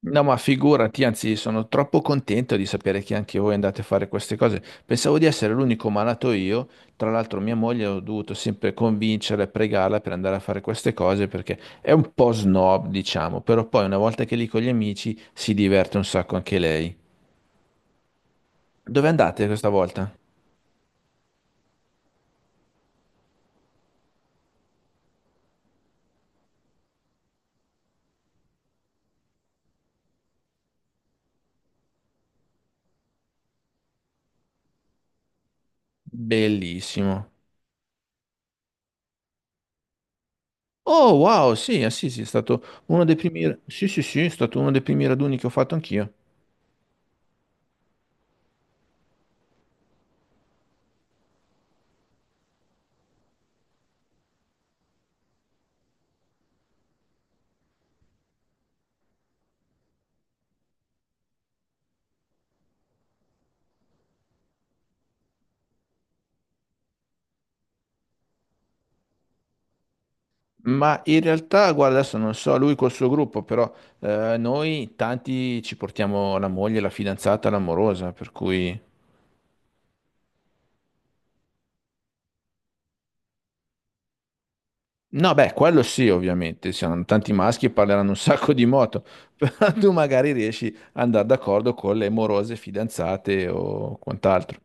No, ma figurati, anzi, sono troppo contento di sapere che anche voi andate a fare queste cose. Pensavo di essere l'unico malato io. Tra l'altro, mia moglie ho dovuto sempre convincere e pregarla per andare a fare queste cose perché è un po' snob, diciamo, però poi una volta che è lì con gli amici si diverte un sacco anche lei. Dove andate questa volta? Bellissimo. Oh, wow, sì, sì, sì, è stato uno dei primi... Sì, sì, sì, è stato uno dei primi raduni che ho fatto anch'io. Ma in realtà, guarda, adesso non so lui col suo gruppo, però noi tanti ci portiamo la moglie, la fidanzata, l'amorosa, per cui... No, beh, quello sì, ovviamente, siamo tanti maschi e parleranno un sacco di moto, però tu magari riesci ad andare d'accordo con le morose fidanzate o quant'altro.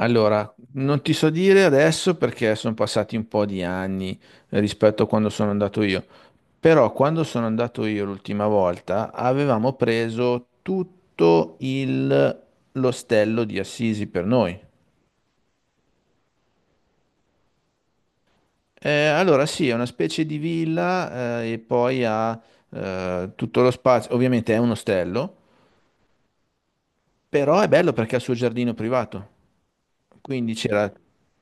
Allora, non ti so dire adesso perché sono passati un po' di anni rispetto a quando sono andato io, però quando sono andato io l'ultima volta avevamo preso tutto l'ostello di Assisi per noi. Allora sì, è una specie di villa e poi ha tutto lo spazio, ovviamente è un ostello, però è bello perché ha il suo giardino privato. Quindi c'era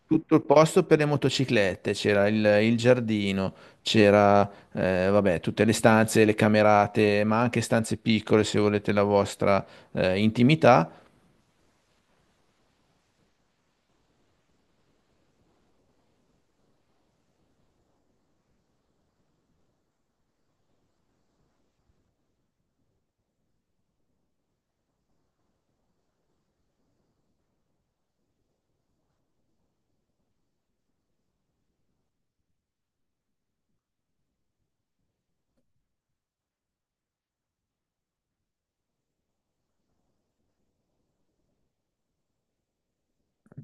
tutto il posto per le motociclette, c'era il giardino, c'era vabbè, tutte le stanze, le camerate, ma anche stanze piccole se volete la vostra intimità.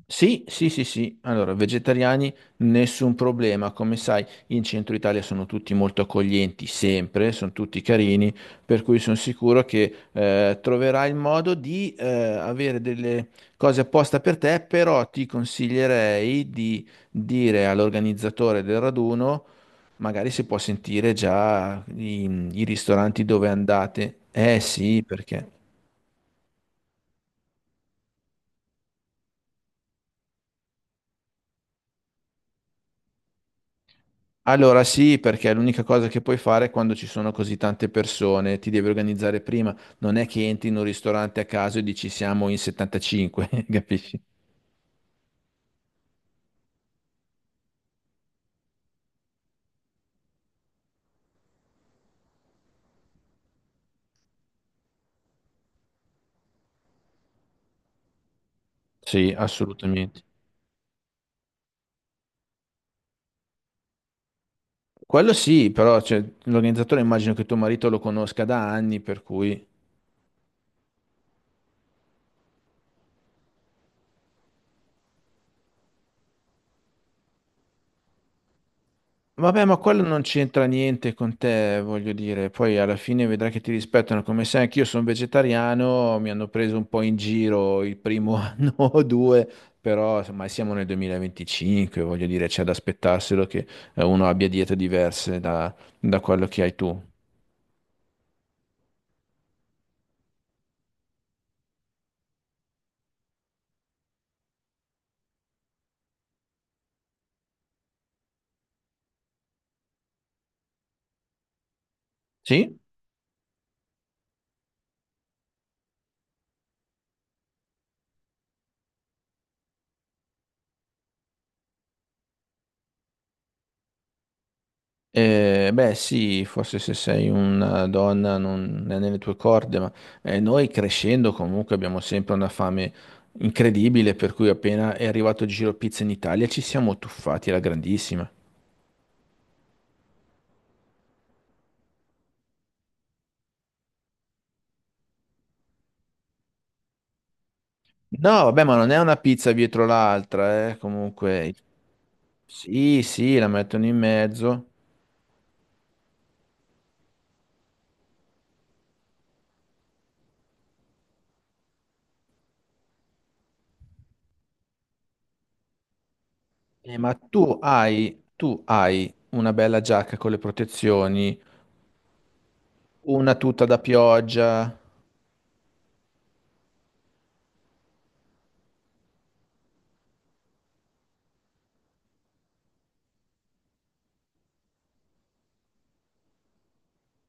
Sì, sì, sì, sì. Allora, vegetariani, nessun problema. Come sai, in centro Italia sono tutti molto accoglienti, sempre, sono tutti carini, per cui sono sicuro che troverai il modo di avere delle cose apposta per te, però ti consiglierei di dire all'organizzatore del raduno, magari se può sentire già i ristoranti dove andate. Eh sì, perché... Allora sì, perché è l'unica cosa che puoi fare quando ci sono così tante persone, ti devi organizzare prima, non è che entri in un ristorante a caso e dici siamo in 75, capisci? Sì, assolutamente. Quello sì, però cioè, l'organizzatore immagino che tuo marito lo conosca da anni, per cui... Vabbè, ma quello non c'entra niente con te, voglio dire. Poi alla fine vedrai che ti rispettano. Come sai, anch'io sono vegetariano, mi hanno preso un po' in giro il primo anno o due, però insomma siamo nel 2025, voglio dire, c'è da aspettarselo che uno abbia diete diverse da quello che hai tu. Sì? Beh, sì, forse se sei una donna non è nelle tue corde, ma noi crescendo comunque abbiamo sempre una fame incredibile, per cui appena è arrivato il Giro Pizza in Italia ci siamo tuffati alla grandissima. No, vabbè, ma non è una pizza dietro l'altra, comunque. Sì, sì, la mettono in mezzo. Ma tu hai una bella giacca con le protezioni, una tuta da pioggia.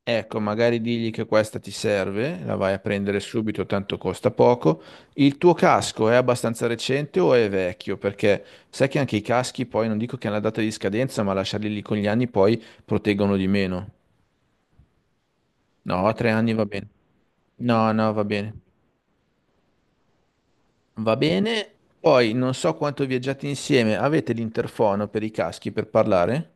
Ecco, magari digli che questa ti serve, la vai a prendere subito, tanto costa poco. Il tuo casco è abbastanza recente o è vecchio? Perché sai che anche i caschi poi non dico che hanno la data di scadenza, ma lasciarli lì con gli anni poi proteggono di meno. No, a 3 anni va bene. No, no, va bene. Va bene. Poi non so quanto viaggiate insieme, avete l'interfono per i caschi per parlare?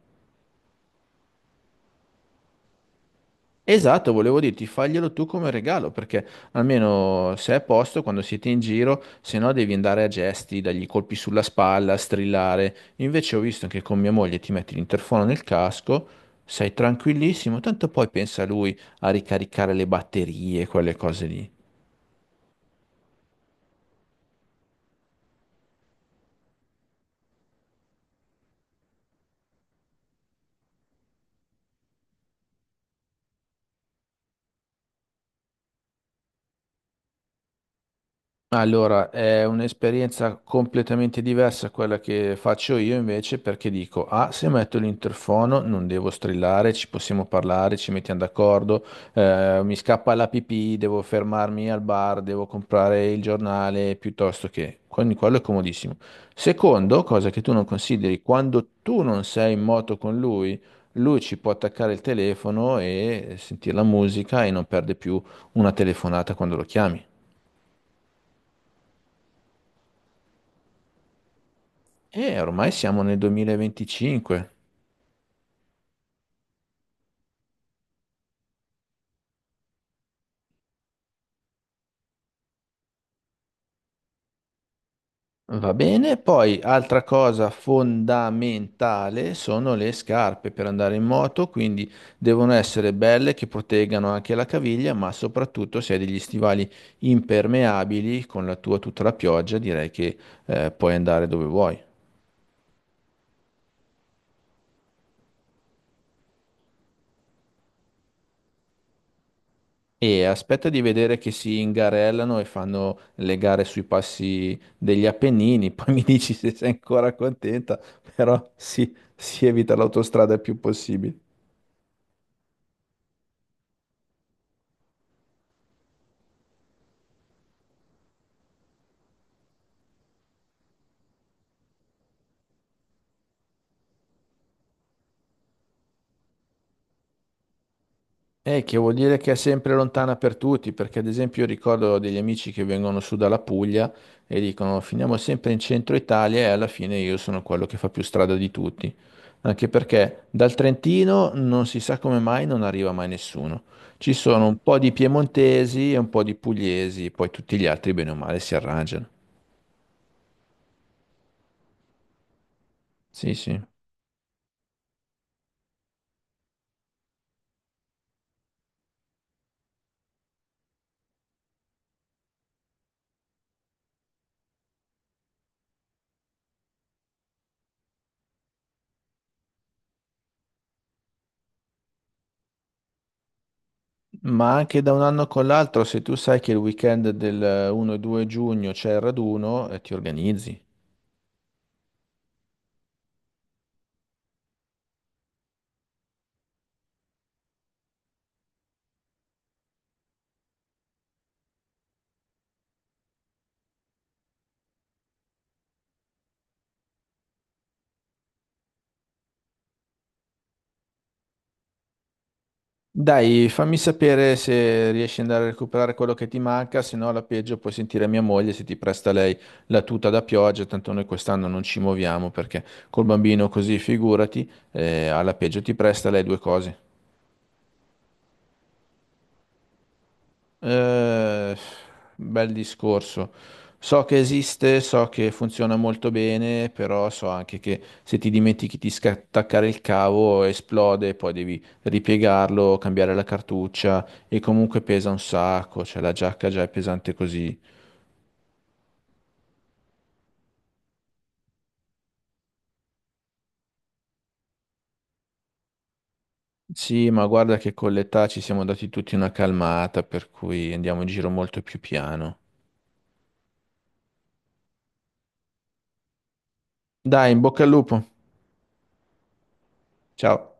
Esatto, volevo dirti, faglielo tu come regalo, perché almeno se è a posto, quando siete in giro, se no devi andare a gesti, dargli colpi sulla spalla, strillare. Invece ho visto che con mia moglie ti metti l'interfono nel casco, sei tranquillissimo, tanto poi pensa lui a ricaricare le batterie, quelle cose lì. Allora, è un'esperienza completamente diversa a quella che faccio io invece perché dico, ah, se metto l'interfono non devo strillare, ci possiamo parlare, ci mettiamo d'accordo, mi scappa la pipì, devo fermarmi al bar, devo comprare il giornale piuttosto che... Quindi quello è comodissimo. Secondo, cosa che tu non consideri, quando tu non sei in moto con lui, lui ci può attaccare il telefono e sentire la musica e non perde più una telefonata quando lo chiami. E ormai siamo nel 2025. Va bene, poi altra cosa fondamentale sono le scarpe per andare in moto, quindi devono essere belle che proteggano anche la caviglia, ma soprattutto se hai degli stivali impermeabili con la tua tutta la pioggia, direi che puoi andare dove vuoi. E aspetta di vedere che si ingarellano e fanno le gare sui passi degli Appennini, poi mi dici se sei ancora contenta, però sì, si evita l'autostrada il più possibile. Che vuol dire che è sempre lontana per tutti, perché ad esempio io ricordo degli amici che vengono su dalla Puglia e dicono finiamo sempre in centro Italia e alla fine io sono quello che fa più strada di tutti. Anche perché dal Trentino non si sa come mai non arriva mai nessuno. Ci sono un po' di piemontesi e un po' di pugliesi, poi tutti gli altri bene o male si arrangiano. Sì, sì. Ma anche da un anno con l'altro, se tu sai che il weekend del 1 e 2 giugno c'è il raduno, ti organizzi. Dai, fammi sapere se riesci ad andare a recuperare quello che ti manca, se no alla peggio puoi sentire mia moglie se ti presta lei la tuta da pioggia, tanto noi quest'anno non ci muoviamo perché col bambino così figurati, alla peggio ti presta lei 2 cose. Eh, bel discorso. So che esiste, so che funziona molto bene, però so anche che se ti dimentichi di attaccare il cavo esplode, poi devi ripiegarlo, cambiare la cartuccia e comunque pesa un sacco, cioè la giacca già è pesante così. Sì, ma guarda che con l'età ci siamo dati tutti una calmata, per cui andiamo in giro molto più piano. Dai, in bocca al lupo. Ciao.